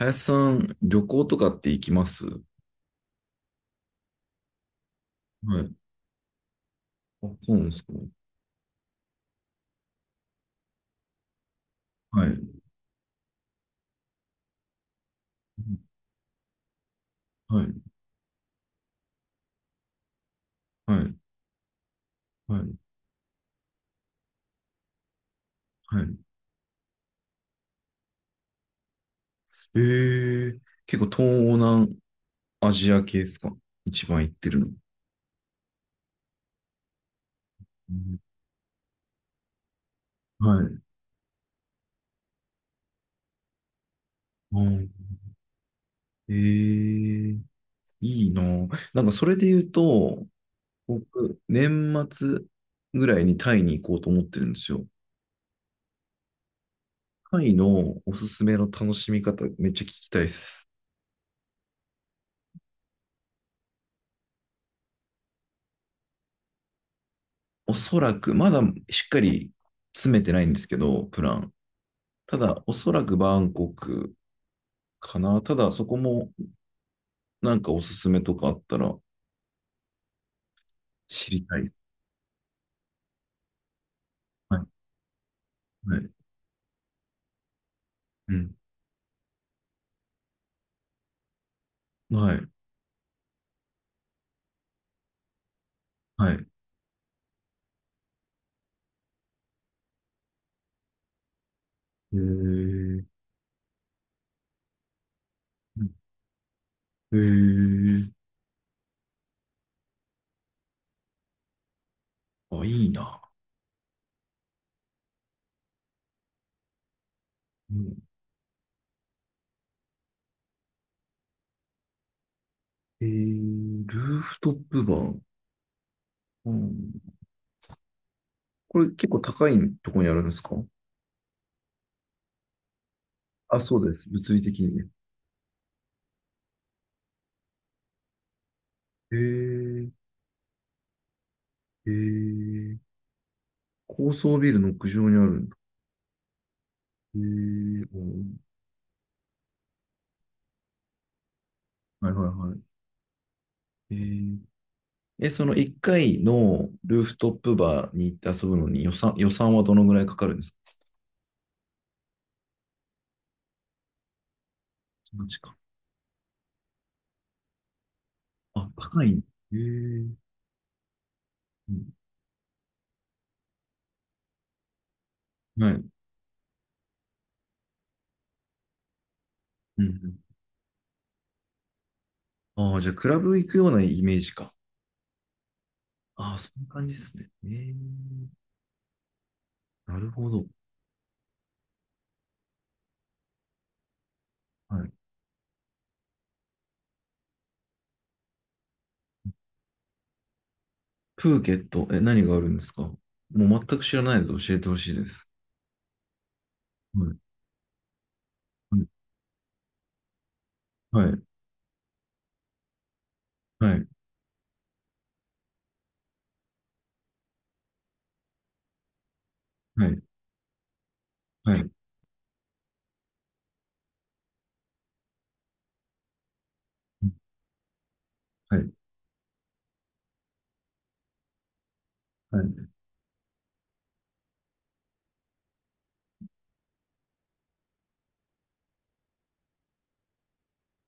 林さん、旅行とかって行きます？はい。あ、そうなんですか。はい。はい。はい。はい。はい。えー、結構東南アジア系ですか、一番行ってるの？うん。はい。うん。えー、いいなぁ。なんかそれで言うと、僕、年末ぐらいにタイに行こうと思ってるんですよ。タイのおすすめの楽しみ方、めっちゃ聞きたいです。おそらく、まだしっかり詰めてないんですけど、プラン。ただ、おそらくバンコクかな。ただ、そこもなんかおすすめとかあったら知りたいです。はい。はい。うん。はい。はい。へえ。うん。へえ。あ、いいな。うん、えー、ルーフトップバー。うん。これ結構高いところにあるんですか？あ、そうです。物理的にね。へえ。へえ。高層ビルの屋上にあるんだ。へえ。うん。はいはいはい。へえ。え、その1回のルーフトップバーに行って遊ぶのに予算はどのぐらいかかるんですか？マジか。あ、高い。へえ。うん。はい。うん。うん。ああ、じゃあ、クラブ行くようなイメージか。ああ、そんな感じですね。ええ。なるほど。はい。プーケット、え、何があるんですか？もう全く知らないので教えてほしいです。はい。はい。はい。はい。はい。はい。はい。はい。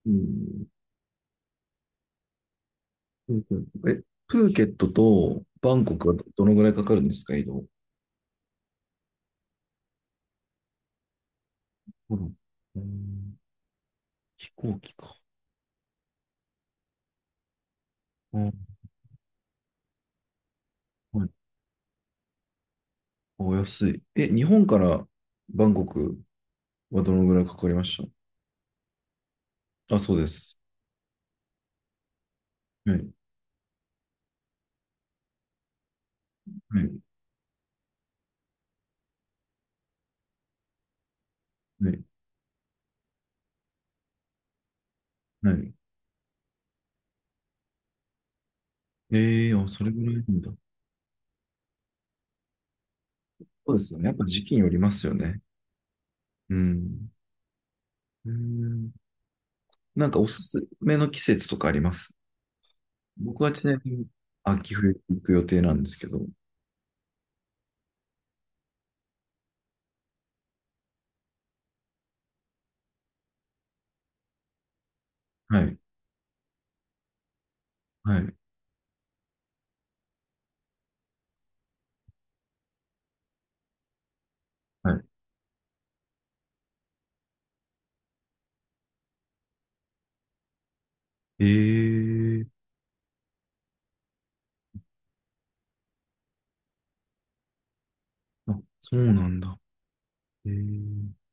うん。プーケットとバンコクはどのぐらいかかるんですか、移動？うん、うん。飛行機か。うん、はい。お安い。え、日本からバンコクはどのぐらいかかりました？あ、そうです。はい。はい。はい。はい。ええー、あ、それぐらいなんだ。そうですよね。やっぱ時期によりますよね。うん。うん。なんかおすすめの季節とかあります？僕はちなみに秋冬行く予定なんですけど。はい。はい。はい。ええー、あ、そうなんだ。ええ、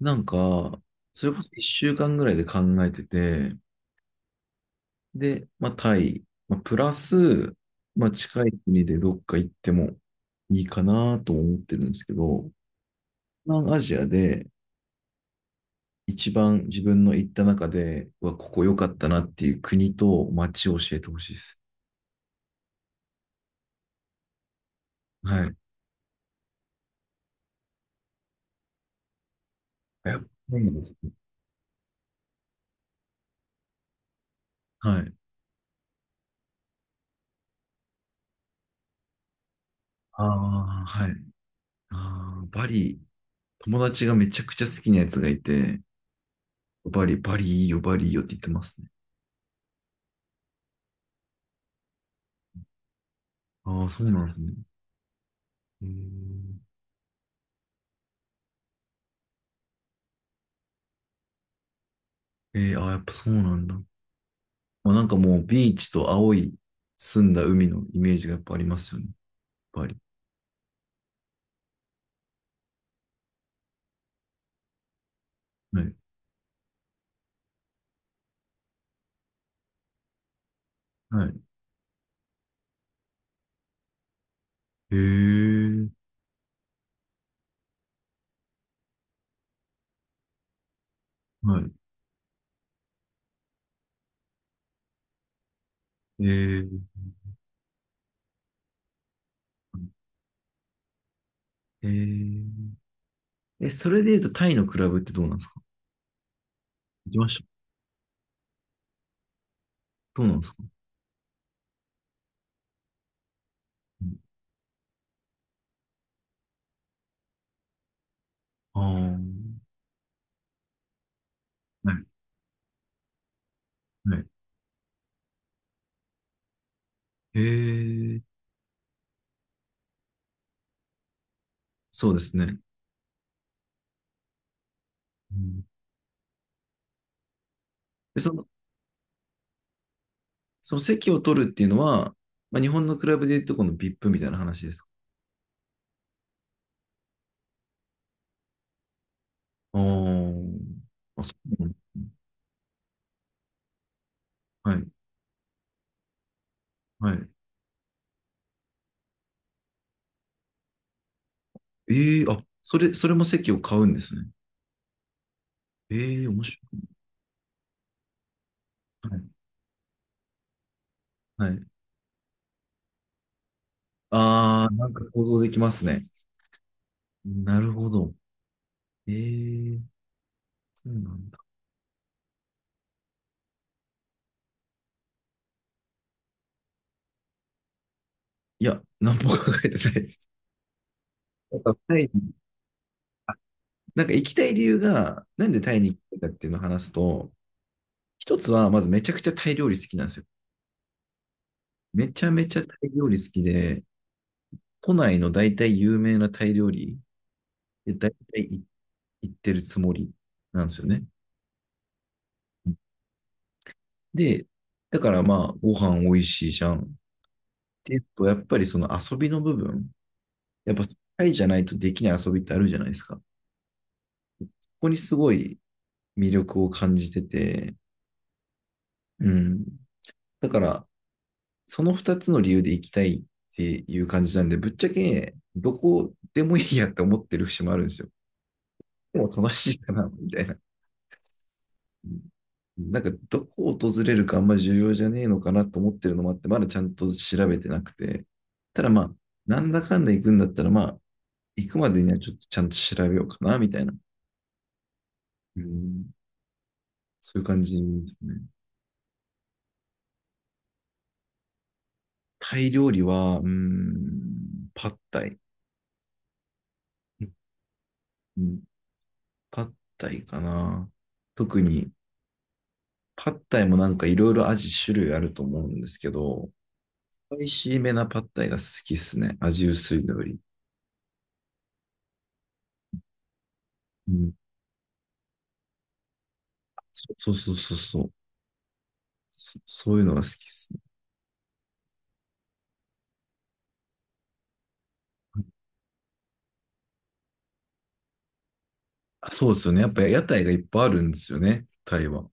なんか、それこそ1週間ぐらいで考えてて、で、まあ、タイ、まあ、プラス、まあ、近い国でどっか行ってもいいかなと思ってるんですけど、東南アジアで一番自分の行った中で、うわ、ここ良かったなっていう国と街を教えてほしいです。はい。やっぱりなんですね。はい。ああ、はい。ああ、バリ、友達がめちゃくちゃ好きなやつがいて、バリ、バリいいよ、バリいいよって言ってますね。ああ、そうなんですね。うん。えー、あー、やっぱそうなんだ。まあ、なんかもうビーチと青い澄んだ海のイメージがやっぱありますよね。やっぱり。はい。はい。えー、はい。えー、えー、それで言うとタイのクラブってどうなんですか？行きました？どうなんですか？ああー、はい。はい。えー、そうですね。うん。で、その席を取るっていうのは、まあ、日本のクラブで言うとこの VIP みたいな話ですか？ああー、あ、そうなの？はい。はい。ええ、あ、それも席を買うんですね。ええ、面白い。はい。はい、ああ、なんか想像できますね。なるほど。ええ。そうなんだ。いや、何も考えてないです。なんかタイに、あ、なんか行きたい理由が、なんでタイに行きたいかっていうのを話すと、一つは、まずめちゃくちゃタイ料理好きなんですよ。めちゃめちゃタイ料理好きで、都内の大体有名なタイ料理で大体行ってるつもりなんですよね。で、だからまあ、ご飯美味しいじゃん。で、やっぱりその遊びの部分、やっぱ社会じゃないとできない遊びってあるじゃないですか。ここにすごい魅力を感じてて、うん。だから、その2つの理由で行きたいっていう感じなんで、ぶっちゃけ、どこでもいいやって思ってる節もあるんですよ。でも楽しいかな、みたいな。うん。なんか、どこを訪れるかあんま重要じゃねえのかなと思ってるのもあって、まだちゃんと調べてなくて。ただまあ、なんだかんだ行くんだったら、まあ、行くまでにはちょっとちゃんと調べようかな、みたいな。うん、そういう感じですね。タイ料理は、うん、パッタイ。うん、パッタイかな。特に、パッタイもなんかいろいろ味種類あると思うんですけど、美味しいめなパッタイが好きっすね。味薄いのより。うん、そうそうそうそう。そういうのが好きっすね。あ、そうですよね。やっぱ屋台がいっぱいあるんですよね、タイは。